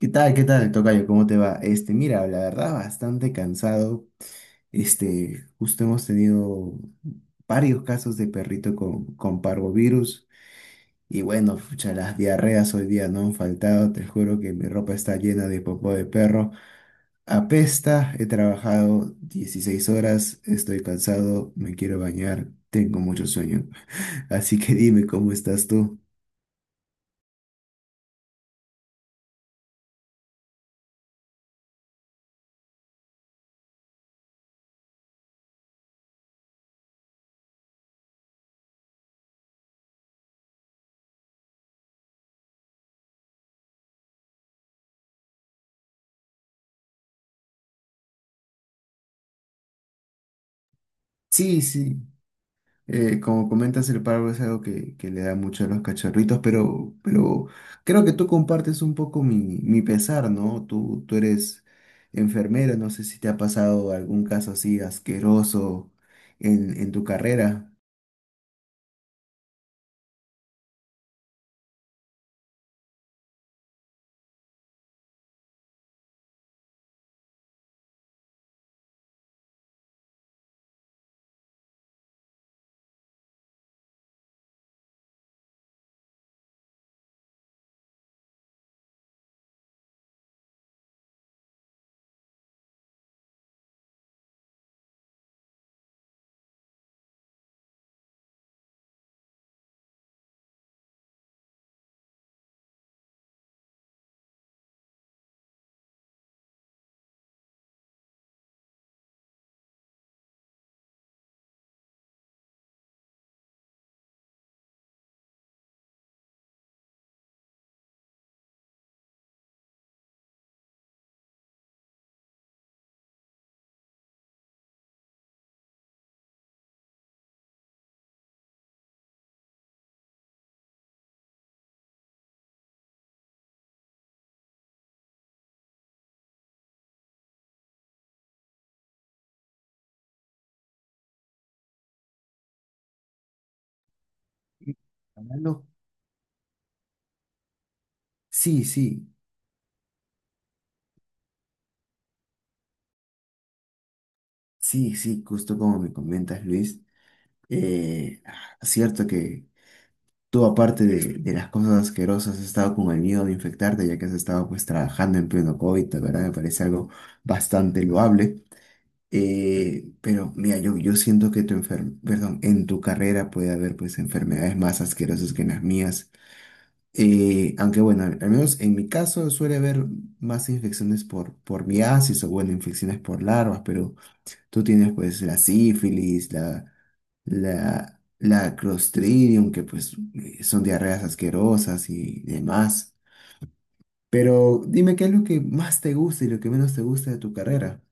¿Qué tal? ¿Qué tal, tocayo? ¿Cómo te va? Este, mira, la verdad, bastante cansado. Este, justo hemos tenido varios casos de perrito con parvovirus. Y bueno, pucha, las diarreas hoy día no han faltado. Te juro que mi ropa está llena de popó de perro. Apesta, he trabajado 16 horas, estoy cansado, me quiero bañar, tengo mucho sueño. Así que dime, ¿cómo estás tú? Sí, sí. Como comentas, el paro es algo que le da mucho a los cachorritos, pero creo que tú compartes un poco mi pesar, ¿no? Tú eres enfermera, no sé si te ha pasado algún caso así asqueroso en tu carrera. Y hablando- Sí, sí, sí, sí, justo como me comentas, Luis. Cierto. Tú, aparte de las cosas asquerosas, has estado con el miedo de infectarte, ya que has estado pues trabajando en pleno COVID, la verdad me parece algo bastante loable. Pero mira, yo siento que perdón, en tu carrera puede haber pues enfermedades más asquerosas que en las mías. Aunque bueno, al menos en mi caso suele haber más infecciones por miasis o bueno, infecciones por larvas, pero tú tienes pues la sífilis, la Clostridium, que pues son diarreas asquerosas y demás. Pero dime qué es lo que más te gusta y lo que menos te gusta de tu carrera.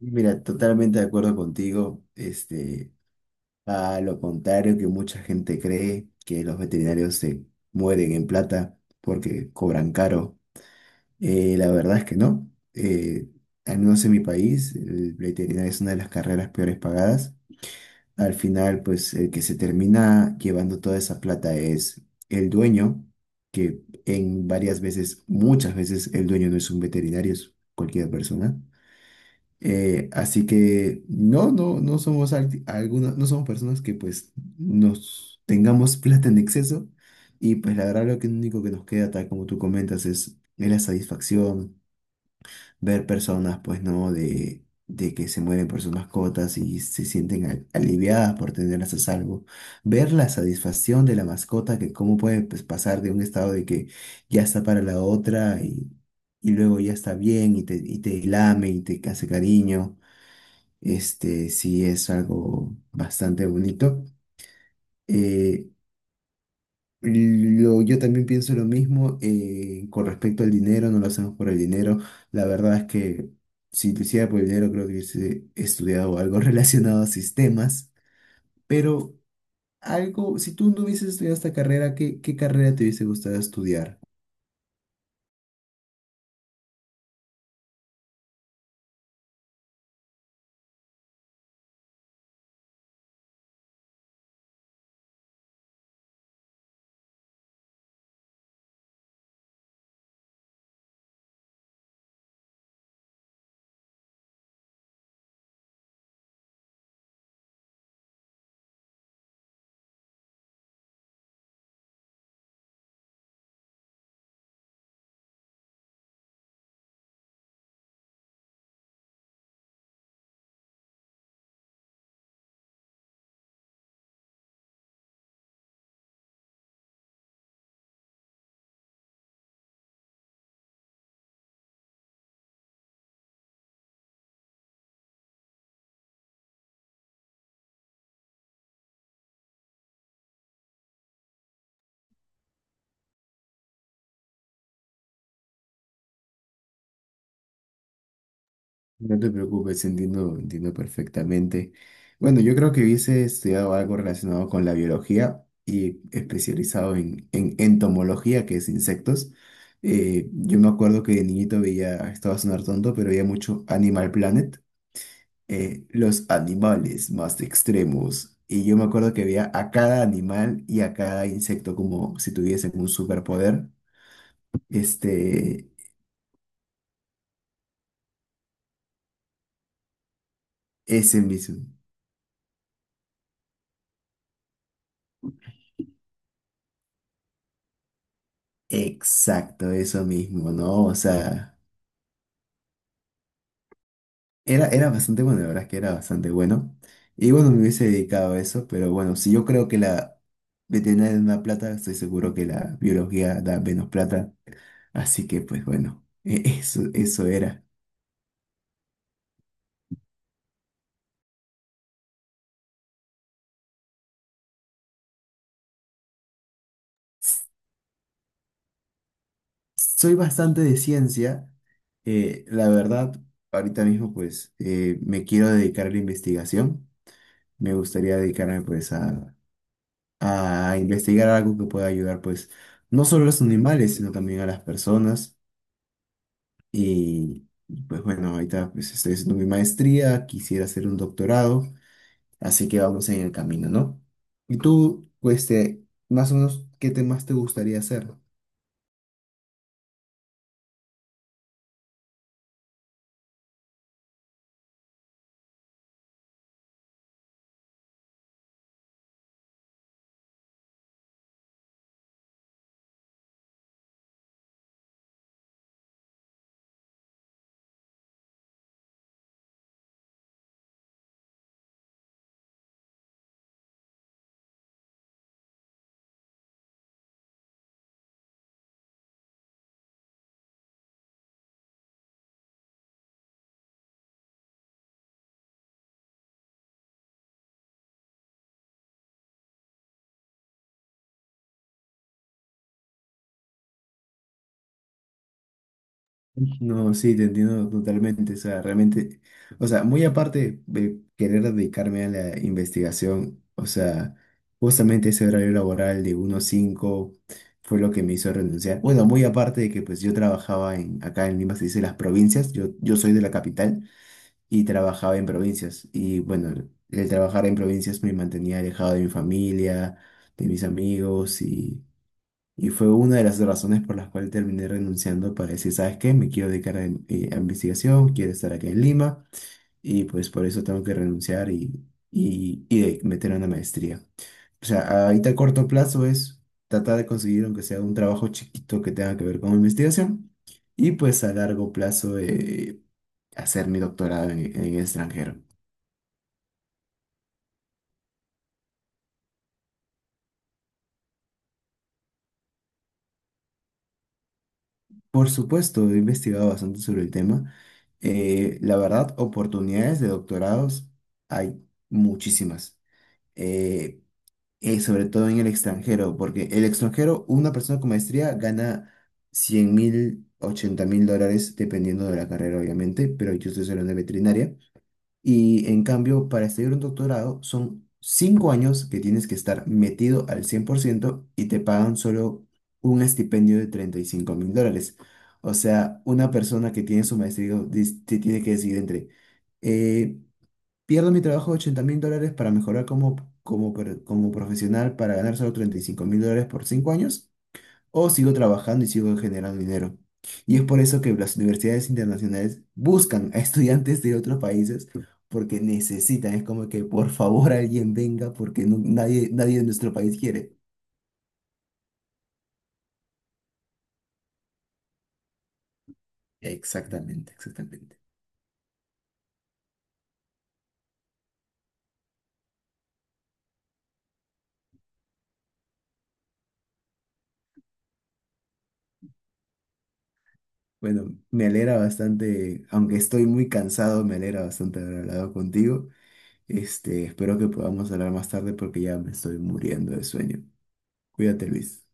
Mira, totalmente de acuerdo contigo. Este, a lo contrario que mucha gente cree que los veterinarios se mueren en plata porque cobran caro. La verdad es que no. Al menos en mi país, el veterinario es una de las carreras peores pagadas. Al final, pues el que se termina llevando toda esa plata es el dueño, que en varias veces, muchas veces, el dueño no es un veterinario, es cualquier persona. Así que no somos no somos personas que pues nos tengamos plata en exceso. Y pues la verdad lo que único que nos queda, tal como tú comentas, es la satisfacción ver personas, pues, ¿no? De que se mueren por sus mascotas y se sienten aliviadas por tenerlas a salvo. Ver la satisfacción de la mascota, que cómo puede, pues, pasar de un estado de que ya está para la otra y luego ya está bien y te lame y te hace cariño. Este sí es algo bastante bonito. Eh, yo también pienso lo mismo con respecto al dinero, no lo hacemos por el dinero. La verdad es que si lo hiciera por el dinero, creo que hubiese estudiado algo relacionado a sistemas, pero algo, si tú no hubieses estudiado esta carrera, ¿qué carrera te hubiese gustado estudiar? No te preocupes, entiendo, entiendo perfectamente. Bueno, yo creo que hubiese estudiado algo relacionado con la biología y especializado en entomología, que es insectos. Yo me acuerdo que de niñito veía, esto va a sonar tonto, pero veía mucho Animal Planet, los animales más extremos. Y yo me acuerdo que veía a cada animal y a cada insecto como si tuviesen un superpoder. Este, ese mismo. Exacto, eso mismo, ¿no? O sea. Era bastante bueno, la verdad es que era bastante bueno. Y bueno, me hubiese dedicado a eso, pero bueno, si yo creo que la veterinaria da más plata, estoy seguro que la biología da menos plata. Así que pues bueno, eso era. Soy bastante de ciencia. La verdad, ahorita mismo pues me quiero dedicar a la investigación. Me gustaría dedicarme pues a investigar algo que pueda ayudar pues no solo a los animales, sino también a las personas. Y y pues bueno, ahorita pues estoy haciendo mi maestría, quisiera hacer un doctorado, así que vamos en el camino, ¿no? Y tú, pues, este, más o menos, ¿qué temas te gustaría hacer? No, sí, te entiendo totalmente. O sea, realmente, o sea, muy aparte de querer dedicarme a la investigación, o sea, justamente ese horario laboral de uno a 5 fue lo que me hizo renunciar. Bueno, muy aparte de que pues yo trabajaba acá en Lima, se dice las provincias, yo soy de la capital, y trabajaba en provincias. Y bueno, el trabajar en provincias me mantenía alejado de mi familia, de mis amigos y fue una de las razones por las cuales terminé renunciando para decir, ¿sabes qué? Me quiero dedicar a investigación, quiero estar acá en Lima y pues por eso tengo que renunciar y meter una maestría. O sea, ahorita a corto plazo es tratar de conseguir, aunque sea un trabajo chiquito que tenga que ver con investigación, y pues a largo plazo hacer mi doctorado en el extranjero. Por supuesto, he investigado bastante sobre el tema. La verdad, oportunidades de doctorados hay muchísimas. Eh, Sobre todo en el extranjero, porque el extranjero, una persona con maestría gana 100.000, $80.000, dependiendo de la carrera, obviamente, pero yo estoy hablando de veterinaria. Y en cambio, para estudiar un doctorado son 5 años que tienes que estar metido al 100% y te pagan solo un estipendio de $35.000. O sea, una persona que tiene su maestría te tiene que decidir entre, eh, pierdo mi trabajo de 80 mil dólares para mejorar como profesional para ganar solo $35.000 por 5 años o sigo trabajando y sigo generando dinero. Y es por eso que las universidades internacionales buscan a estudiantes de otros países porque necesitan, es como que por favor alguien venga porque nadie, nadie de nuestro país quiere. Exactamente, exactamente. Bueno, me alegra bastante, aunque estoy muy cansado, me alegra bastante haber hablado contigo. Este, espero que podamos hablar más tarde porque ya me estoy muriendo de sueño. Cuídate, Luis.